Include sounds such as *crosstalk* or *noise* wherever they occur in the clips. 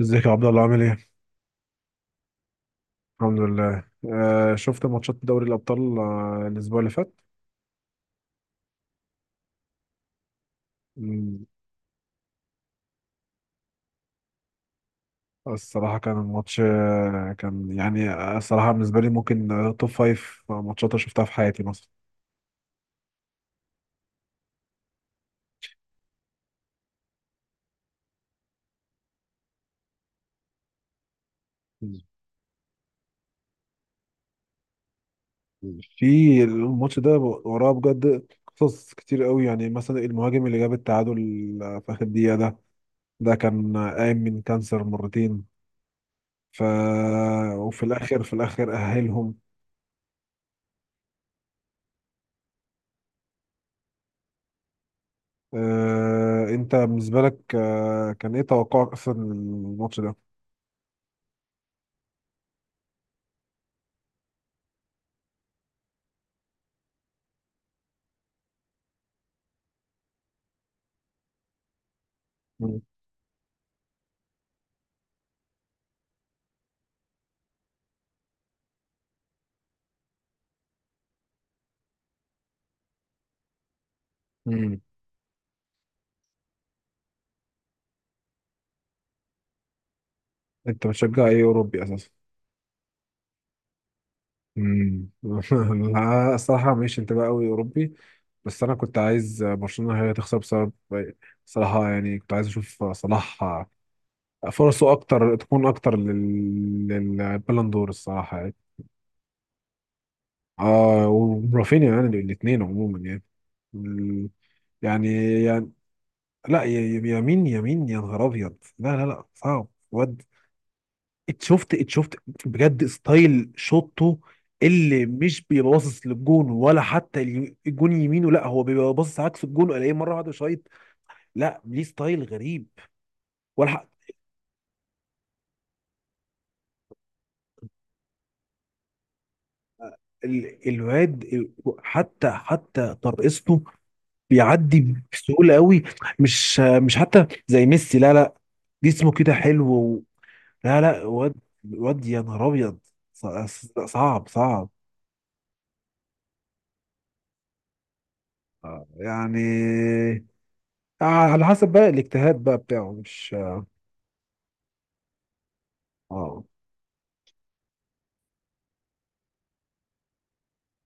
ازيك يا عبد الله عامل ايه؟ الحمد لله. شفت ماتشات دوري الابطال الاسبوع اللي فات. مم، الصراحه كان الماتش كان الصراحه بالنسبه لي ممكن، توب فايف ماتشات أنا شفتها في حياتي مثلا. مم. في الماتش ده وراه بجد قصص كتير قوي، يعني مثلا المهاجم اللي جاب التعادل في اخر دقيقه ده، ده كان قايم من كانسر مرتين. ف وفي الاخر، في الاخر اهلهم. انت بالنسبه لك كان ايه توقعك اصلا للماتش ده؟ مم. مم. انت بتشجع ايه اوروبي اساسا؟ مم. *laughs* لا الصراحه مش انتباه قوي اوروبي، بس انا كنت عايز برشلونه هي تخسر بسبب، صراحه يعني كنت عايز اشوف صلاح فرصه اكتر، تكون اكتر للبالون دور الصراحه يعني. اه ورافينيا يعني، الاثنين عموما يعني ال- يعني. لا يمين يا نهار ابيض، لا لا لا صعب واد. اتشفت اتشفت بجد ستايل شوطه، اللي مش بيبقى باصص للجون ولا حتى الجون يمينه، لا هو بيبقى باصص عكس الجون، الاقيه مره واحده شايط. لا ليه ستايل غريب، ولا حق- ال- الواد ال- حتى حتى ترقصته بيعدي بسهوله قوي، مش مش حتى زي ميسي، لا لا، جسمه كده حلو لا لا واد، واد يا نهار ابيض، صعب صعب. يعني على حسب بقى الاجتهاد بقى بتاعه مش. اه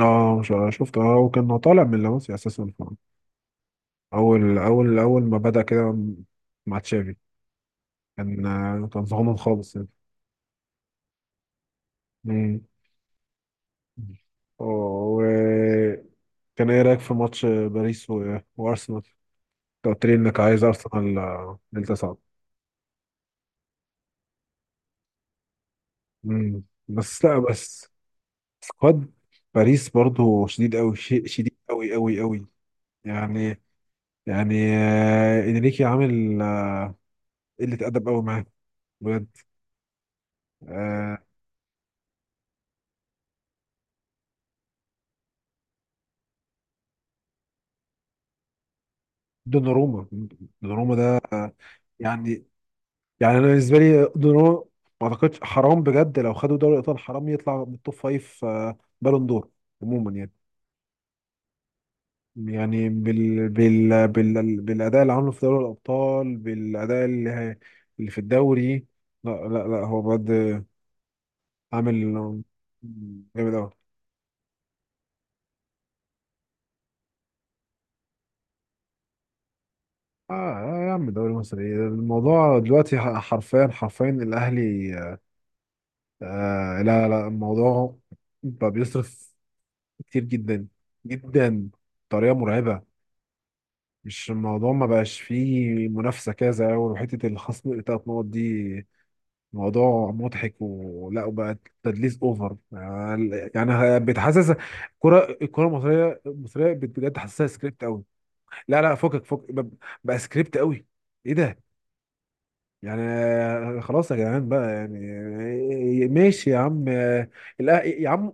اه شفت، اه كان طالع من لاماسيا اساسا، اول ما بدأ كده مع تشافي، كان كان صغنن خالص يعني. مم. اه وكان. ايه رأيك في ماتش باريس وارسنال؟ انت قلت لي انك عايز ارسنال للتصعد. مم. بس لا بس سكواد باريس برضو شديد قوي، شيء شديد قوي قوي، يعني. يعني انريكي عامل قله ادب قوي معاه بجد. آه، دوناروما، دوناروما ده يعني، يعني انا بالنسبه لي دوناروما، ما اعتقدش، حرام بجد لو خدوا دوري الابطال، حرام يطلع من التوب فايف بالون دور عموما يعني. يعني بالاداء اللي عامله في دوري الابطال، اللي في الدوري. لا لا لا هو بجد عامل جامد قوي. اه آه يا عم دوري مصر ايه الموضوع دلوقتي؟ حرفيا حرفيا الاهلي، آه لا لا الموضوع بقى بيصرف كتير جدا جدا بطريقه مرعبه، مش الموضوع ما بقاش فيه منافسه كده زي الاول، وحته الخصم الثلاث نقط دي موضوع مضحك ولا وبقى تدليس اوفر يعني. يعني بتحسس الكره المصريه بجد حاسسها سكريبت قوي. لا لا فكك فك، بقى سكريبت قوي، ايه ده؟ يعني خلاص يا جدعان بقى يعني، ماشي يا عم، لا يا عم،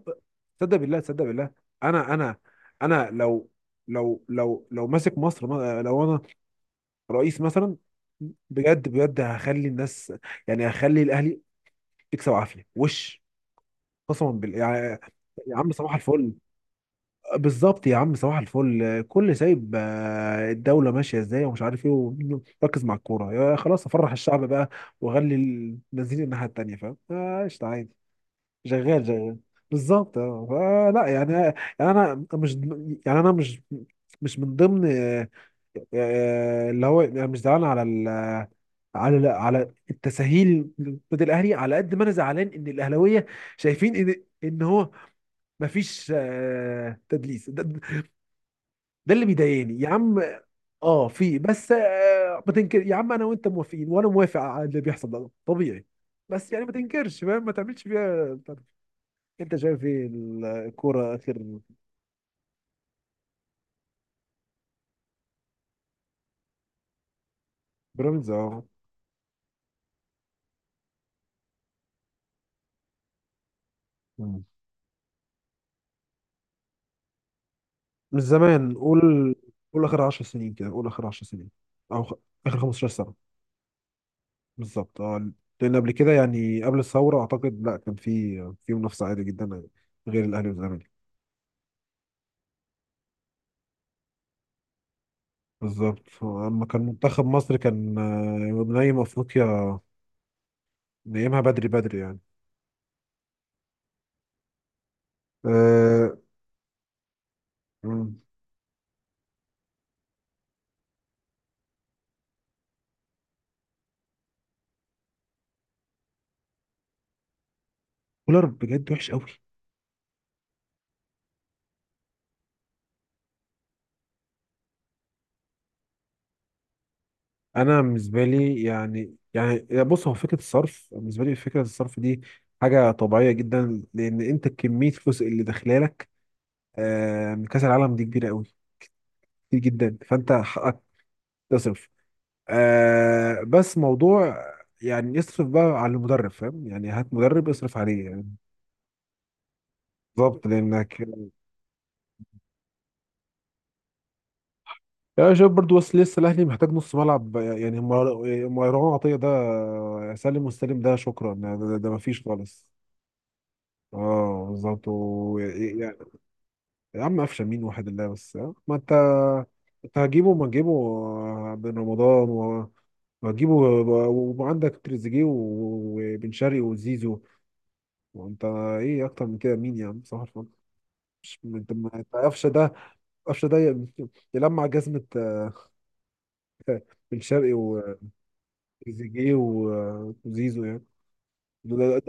تصدق بالله تصدق بالله. انا انا لو لو لو ماسك مصر، لو انا رئيس مثلا، بجد بجد هخلي الناس، يعني هخلي الاهلي تكسب عافيه وش، قسما بالله يعني. يا عم صباح الفل. بالظبط يا عم صباح الفل، كل سايب الدولة ماشية ازاي ومش عارف ايه، وركز مع الكورة، يا خلاص افرح الشعب بقى واغلي المزيين الناحية التانية، فاهم قشطة عادي، شغال شغال. بالظبط اه. لا يعني انا مش، يعني انا مش مش من ضمن اللي هو يعني مش زعلان على على على التساهيل ضد الاهلي، على قد ما انا زعلان ان الاهلاويه شايفين ان ان هو مفيش تدليس، ده اللي بيضايقني يا عم. اه في بس آه ما تنكر يا عم، انا وانت موافقين وانا موافق على اللي بيحصل ده طبيعي، بس يعني ما تنكرش فاهم، ما تعملش فيها بتاع ده. انت شايف ايه الكوره اخر؟ بيراميدز اه. مم. من زمان قول، قول اخر 10 سنين كده، قول اخر 10 سنين، او خ... اخر 15 سنه. بالظبط اه. لان قبل كده يعني قبل الثوره اعتقد لا كان في، في منافسه عادي جدا غير الاهلي والزمالك. بالظبط، اما كان منتخب مصر كان نايم افريقيا، نقيمها بدري بدري يعني. أه... مم. كولر بجد وحش قوي. انا بالنسبه لي يعني، يعني بص هو فكره الصرف بالنسبه لي، فكره الصرف دي حاجه طبيعيه جدا، لان انت كميه الفلوس اللي داخله لك من كاس العالم دي كبيره قوي، كتير جدا، فانت حقك تصرف، بس موضوع يعني يصرف بقى على المدرب، فاهم يعني، هات مدرب يصرف عليه يعني. بالظبط لانك. يا شباب برضو بس لسه الاهلي محتاج نص ملعب، يعني مروان عطيه ده، سالم والسالم ده، شكرا ده، مفيش خالص. اه بالظبط يعني. يا عم قفشه مين واحد الله، بس آه. ما انت، انت هتجيبه ما تجيبه بن رمضان وهتجيبه وعندك تريزيجيه وبن شرقي وزيزو، وانت ايه اكتر من كده؟ مين يا عم صح الفل. مش انت أنت قفشه ده، قفشه ده يلمع جزمه، آه، بن شرقي، تريزيجيه وزيزو يعني. دول-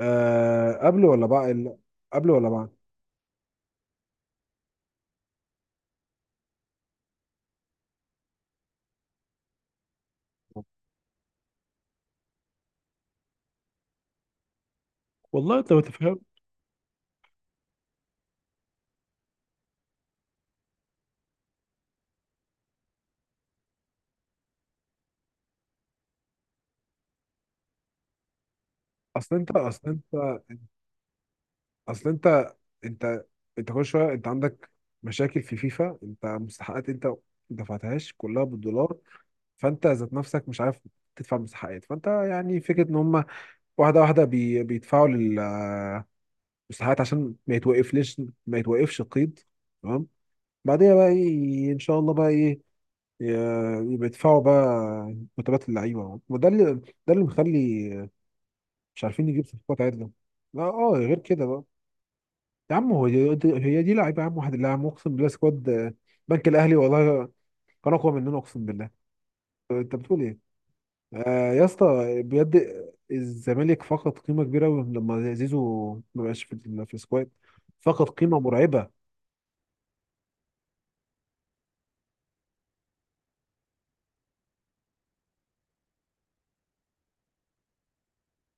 آه قبل ولا بعد؟ قبل ولا بعد؟ والله انت ما تفهم. اصل انت اصل انت اصل انت انت انت كل شويه، انت عندك مشاكل في فيفا، انت مستحقات انت ما دفعتهاش كلها بالدولار، فانت ذات نفسك مش عارف تدفع مستحقات، فانت يعني فكره ان هم واحده واحده بيدفعوا للمستحقات عشان ما يتوقفليش، ما يتوقفش القيد، تمام؟ بعدين بقى ايه ان شاء الله بقى ايه، بيدفعوا بقى مرتبات اللعيبه، وده اللي، ده اللي مخلي مش عارفين نجيب صفقات عدله. لا اه غير كده بقى. يا عم هو هي دي لعيبه يا عم، واحد اللي عم اقسم بالله سكواد بنك الاهلي والله كان اقوى مننا اقسم بالله. انت بتقول ايه؟ آه يا اسطى، بجد الزمالك فقد قيمه كبيره أوي لما زيزو ما بقاش في في السكواد، فقد قيمه مرعبه.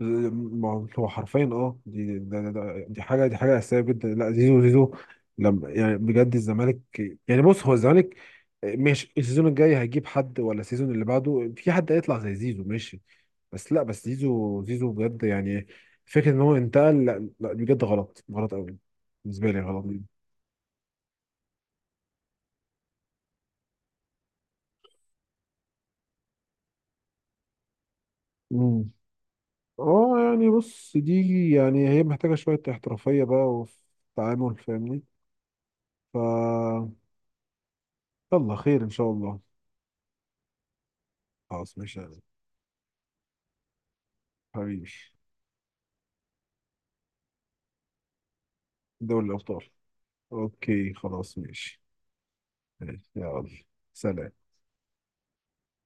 ما هو حرفيا اه، دي ده ده ده دي حاجه، دي حاجه اساسيه جدا، لا زيزو زيزو لما، يعني بجد الزمالك، يعني بص هو الزمالك، مش السيزون الجاي هيجيب حد ولا السيزون اللي بعده في حد هيطلع زي زيزو، ماشي بس، لا بس زيزو زيزو بجد يعني، فكره ان هو انتقل لا بجد غلط، غلط قوي بالنسبه لي، غلط. امم. اه يعني بص دي يعني، هي محتاجه شويه احترافيه بقى، وفي التعامل فاهمني. ف يلا خير ان شاء الله. خلاص ماشي. حبيبي. دوري الأبطال. أوكي خلاص ماشي. ماشي، يلا. سلام.